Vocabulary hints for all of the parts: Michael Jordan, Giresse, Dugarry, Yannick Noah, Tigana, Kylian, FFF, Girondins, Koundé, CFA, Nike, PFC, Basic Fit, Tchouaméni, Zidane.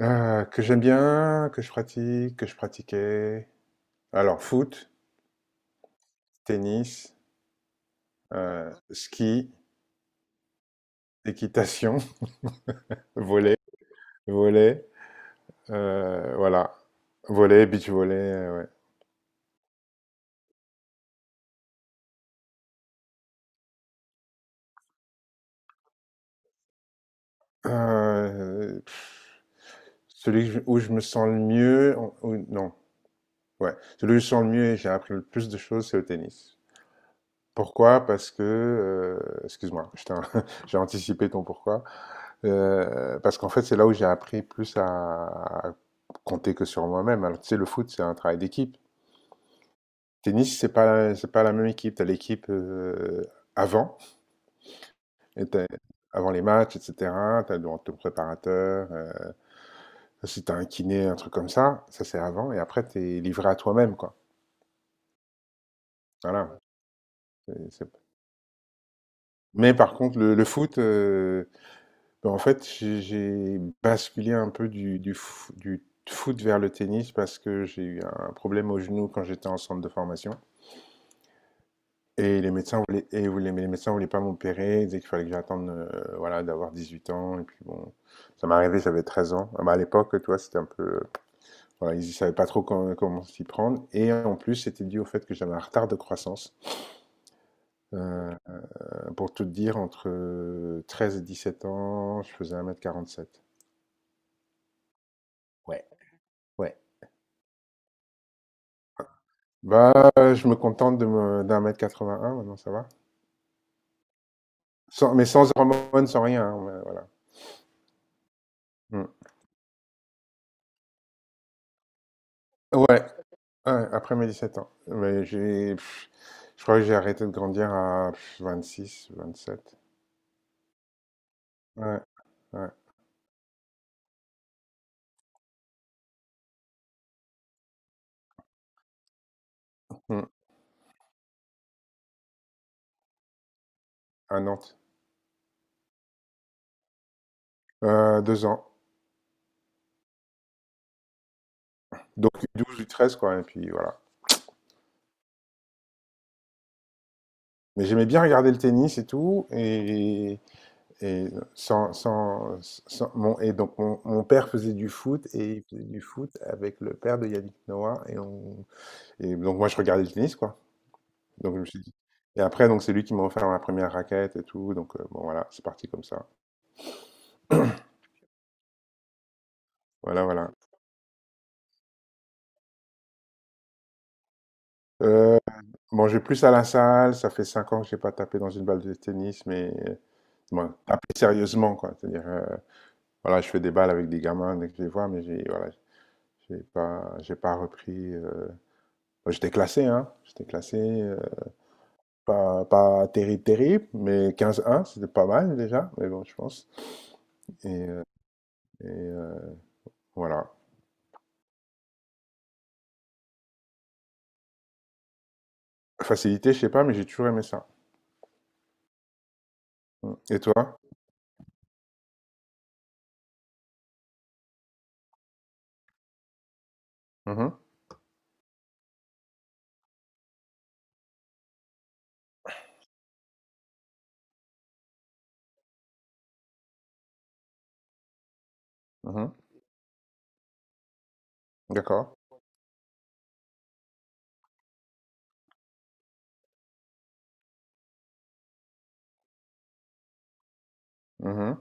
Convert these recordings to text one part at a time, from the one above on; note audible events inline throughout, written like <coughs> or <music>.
Que j'aime bien, que je pratique, que je pratiquais. Alors, foot, tennis, ski, équitation, <laughs> volley, volley, voilà. Volley, beach volley, ouais. Pff, celui que je- Où je me sens le mieux, non, ouais. Celui où je me sens le mieux et j'ai appris le plus de choses, c'est au tennis. Pourquoi? Parce que, excuse-moi, je t'in <laughs> j'ai anticipé ton pourquoi. Parce qu'en fait, c'est là où j'ai appris plus à compter que sur moi-même. Alors, tu sais, le foot, c'est un travail d'équipe. Tennis, c'est pas la même équipe. T'as l'équipe, avant et tu avant les matchs et cetera. Tu as ton préparateur, si t'as un kiné, un truc comme ça, c'est avant et après, t'es livré à toi-même, quoi. Voilà, c'est mais par contre, le foot, ben, en fait, j'ai basculé un peu du foot vers le tennis parce que j'ai eu un problème au genou quand j'étais en centre de formation. Et les médecins voulaient, et voulaient- Mais les médecins voulaient pas m'opérer, ils disaient qu'il fallait que j'attende, voilà, d'avoir 18 ans. Et puis bon, ça m'est arrivé, j'avais 13 ans. Ah ben, à l'époque, toi, c'était un peu, voilà, ils ne savaient pas trop comment s'y prendre. Et en plus, c'était dû au fait que j'avais un retard de croissance. Euh, pour tout te dire, entre 13 et 17 ans, je faisais 1 m 47. Ouais, ouais. Bah, je me contente de me d'1 m 81 maintenant, ça va. Sans, mais sans hormones, sans rien, hein, ouais, voilà. Mm. Ouais, ouais, après mes 17 ans. Mais je crois que j'ai arrêté de grandir à 26, 27. Ouais, ouais. Mm. À Nantes. 2 ans. Donc du 12 ou 13, quoi, et puis voilà. Mais j'aimais bien regarder le tennis et tout, et et mon père faisait du foot, et il faisait du foot avec le père de Yannick Noah. Et donc moi je regardais le tennis, quoi. Donc je me suis dit. Et après donc c'est lui qui m'a offert ma première raquette et tout. Donc, bon voilà, c'est parti comme ça. Voilà, voilà. Euh, bon, je vais plus à la salle. Ça fait 5 ans que j'ai pas tapé dans une balle de tennis, mais bon, tapé sérieusement, quoi. C'est-à-dire, voilà, je fais des balles avec des gamins dès que je les vois, mais j'ai pas repris. Bon, j'étais classé, hein. J'étais classé, pas terrible terrible, mais quinze un, c'était pas mal déjà. Mais bon, je pense. Et, euh, et, euh, voilà. Facilité, je sais pas, mais j'ai toujours aimé ça. Mm. Et toi? Mhm, mhm, d'accord. Mhm,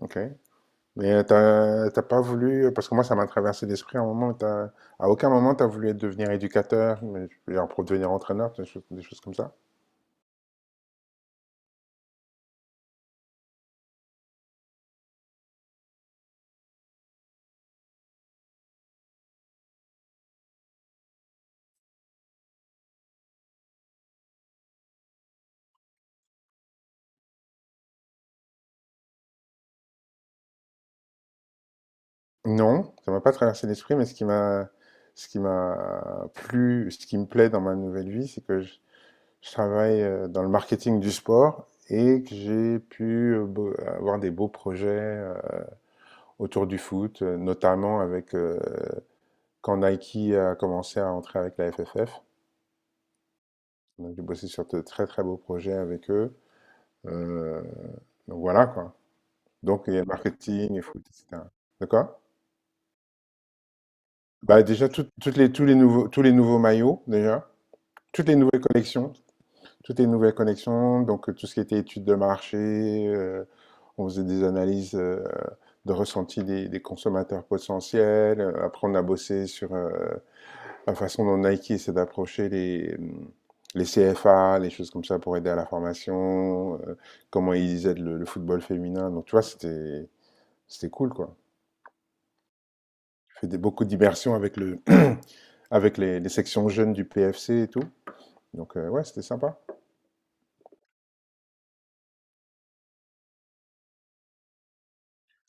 ok. Mais t'as pas voulu, parce que moi ça m'a traversé l'esprit à un moment, à aucun moment t'as voulu, devenir éducateur, mais, genre, pour devenir entraîneur, des choses comme ça. Non, ça m'a pas traversé l'esprit, mais ce qui m'a plu, ce qui me plaît dans ma nouvelle vie, c'est que je travaille, dans le marketing du sport et que j'ai pu, avoir des beaux projets, autour du foot, notamment avec, quand Nike a commencé à entrer avec la FFF. Donc, j'ai bossé sur de très très beaux projets avec eux. Euh, donc voilà, quoi. Donc il y a le marketing, il faut, et foot, etc. D'accord. Bah déjà, tout- toutes les tous les nouveaux maillots déjà, toutes les nouvelles collections, toutes les nouvelles collections. Donc, tout ce qui était études de marché, on faisait des analyses, de ressenti des consommateurs potentiels. Après on a bossé sur, la façon dont Nike essaie d'approcher les CFA, les choses comme ça pour aider à la formation, comment ils aident le football féminin. Donc, tu vois, c'était cool, quoi. Je fais, beaucoup d'immersions avec, le <clears throat> <coughs> avec les sections jeunes du PFC et tout. Donc, ouais, c'était sympa.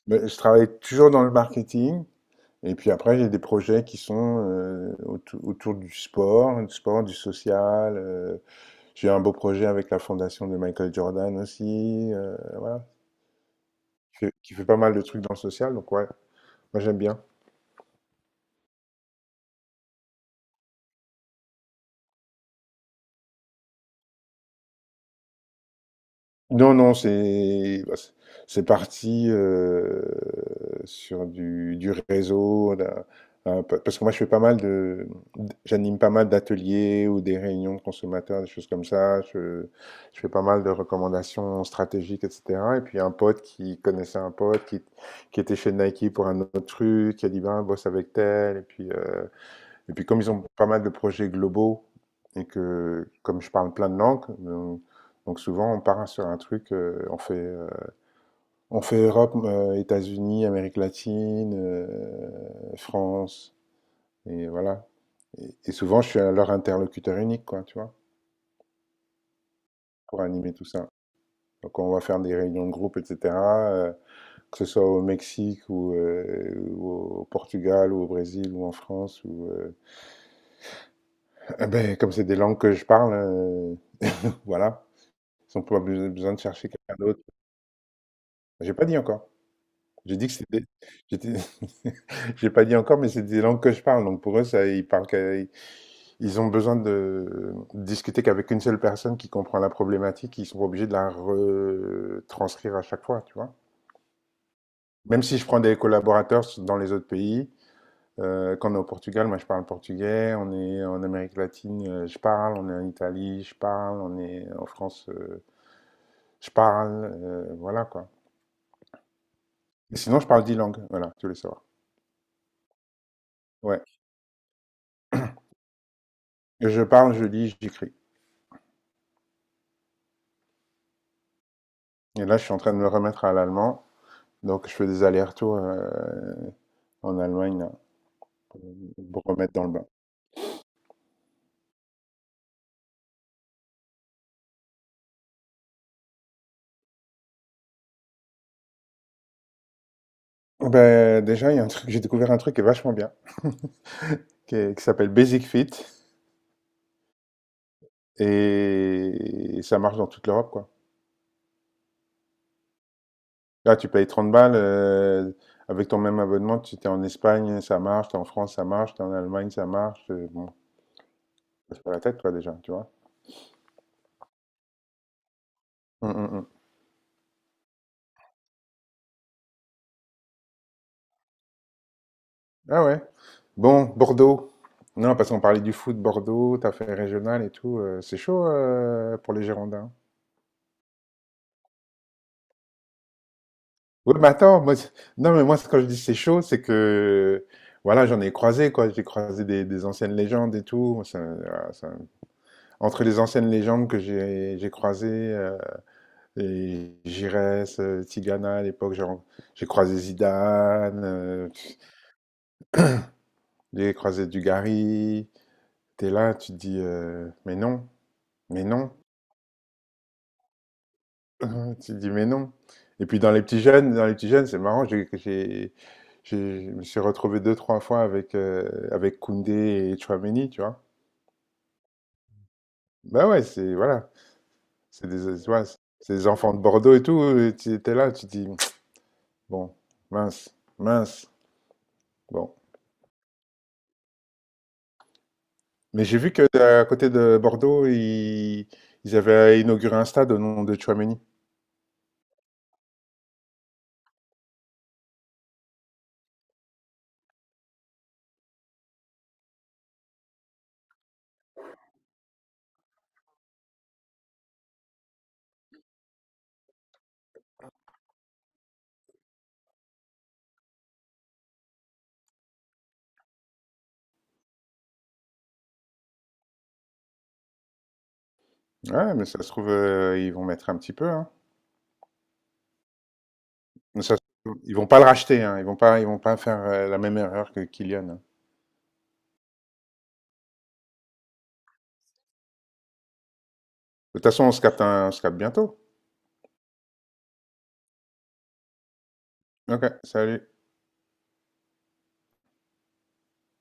Mais je travaille toujours dans le marketing. Et puis après, j'ai des projets qui sont, autour du sport, du social. J'ai un beau projet avec la fondation de Michael Jordan aussi. Voilà, qui fait pas mal de trucs dans le social, donc ouais, moi j'aime bien. Non, non, c'est bah, c'est parti, sur du réseau, parce que moi je fais pas mal de, j'anime pas mal d'ateliers ou des réunions de consommateurs, des choses comme ça. Je fais pas mal de recommandations stratégiques, etc. Et puis un pote qui connaissait un pote qui était chez Nike pour un autre truc, qui a dit ben bosse avec tel, et puis, et puis comme ils ont pas mal de projets globaux et que comme je parle plein de langues, donc souvent on part sur un truc, on fait Europe, États-Unis, Amérique latine, France, et voilà. Et souvent je suis leur interlocuteur unique, quoi, tu vois, pour animer tout ça. Donc on va faire des réunions de groupe, etc., que ce soit au Mexique ou au Portugal ou au Brésil ou en France. Ou, <laughs> ben, comme c'est des langues que je parle, voilà. Ils ont pas besoin de chercher quelqu'un d'autre. J'ai pas dit encore. J'ai dit que c'était. j'étais- <laughs> J'ai pas dit encore, mais c'est des langues que je parle. Donc pour eux, ça, ils ont besoin de discuter qu'avec une seule personne qui comprend la problématique. Ils sont pas obligés de la retranscrire à chaque fois, tu vois. Même si je prends des collaborateurs dans les autres pays, quand on est au Portugal, moi je parle portugais. On est en Amérique latine, je parle. On est en Italie, je parle. On est en France, je parle. Voilà, quoi. Mais sinon, je parle 10 langues. Voilà, tu voulais savoir. Ouais. Je parle, je lis, j'écris. Et là, je suis en train de me remettre à l'allemand. Donc, je fais des allers-retours, en Allemagne, là, pour me remettre dans le bain. Ben, déjà, il y a un truc, j'ai découvert un truc qui est vachement bien, qui s'appelle Basic Fit. Et, ça marche dans toute l'Europe, quoi. Là, tu payes 30 balles. Avec ton même abonnement, tu t'es en Espagne, ça marche. T'es en France, ça marche. T'es en Allemagne, ça marche. Bon, ça se fait la tête, toi, déjà, tu vois. Mm, mm, mm. Ah ouais. Bon, Bordeaux. Non, parce qu'on parlait du foot, Bordeaux, t'as fait régional et tout. C'est chaud, pour les Girondins. Oui, mais attends, moi, non, mais moi, quand je dis c'est chaud, c'est que, voilà, j'en ai croisé, quoi. J'ai croisé des anciennes légendes et tout. Voilà, entre les anciennes légendes que j'ai croisées, et Giresse, Tigana à l'époque, genre, j'ai croisé Zidane, j'ai croisé Dugarry. T'es là, tu te dis, mais non, mais non. <laughs> Ah, tu te dis, mais non. Et puis dans les petits jeunes, dans les petits jeunes, c'est marrant, j'ai- je me suis retrouvé deux, trois fois avec Koundé et Tchouaméni, tu vois. Bah ouais, c'est, voilà, c'est des, tu vois, c'est des enfants de Bordeaux et tout, et tu étais là, tu te dis, bon, mince, mince, bon. Mais j'ai vu que, à côté de Bordeaux, ils avaient inauguré un stade au nom de Tchouaméni. Ouais, mais ça se trouve, ils vont mettre un petit peu, hein. Mais ça se trouve, ils vont pas le racheter, hein. Ils vont pas faire, la même erreur que Kylian, hein. De toute façon, on se capte, on se capte bientôt. Ok, salut.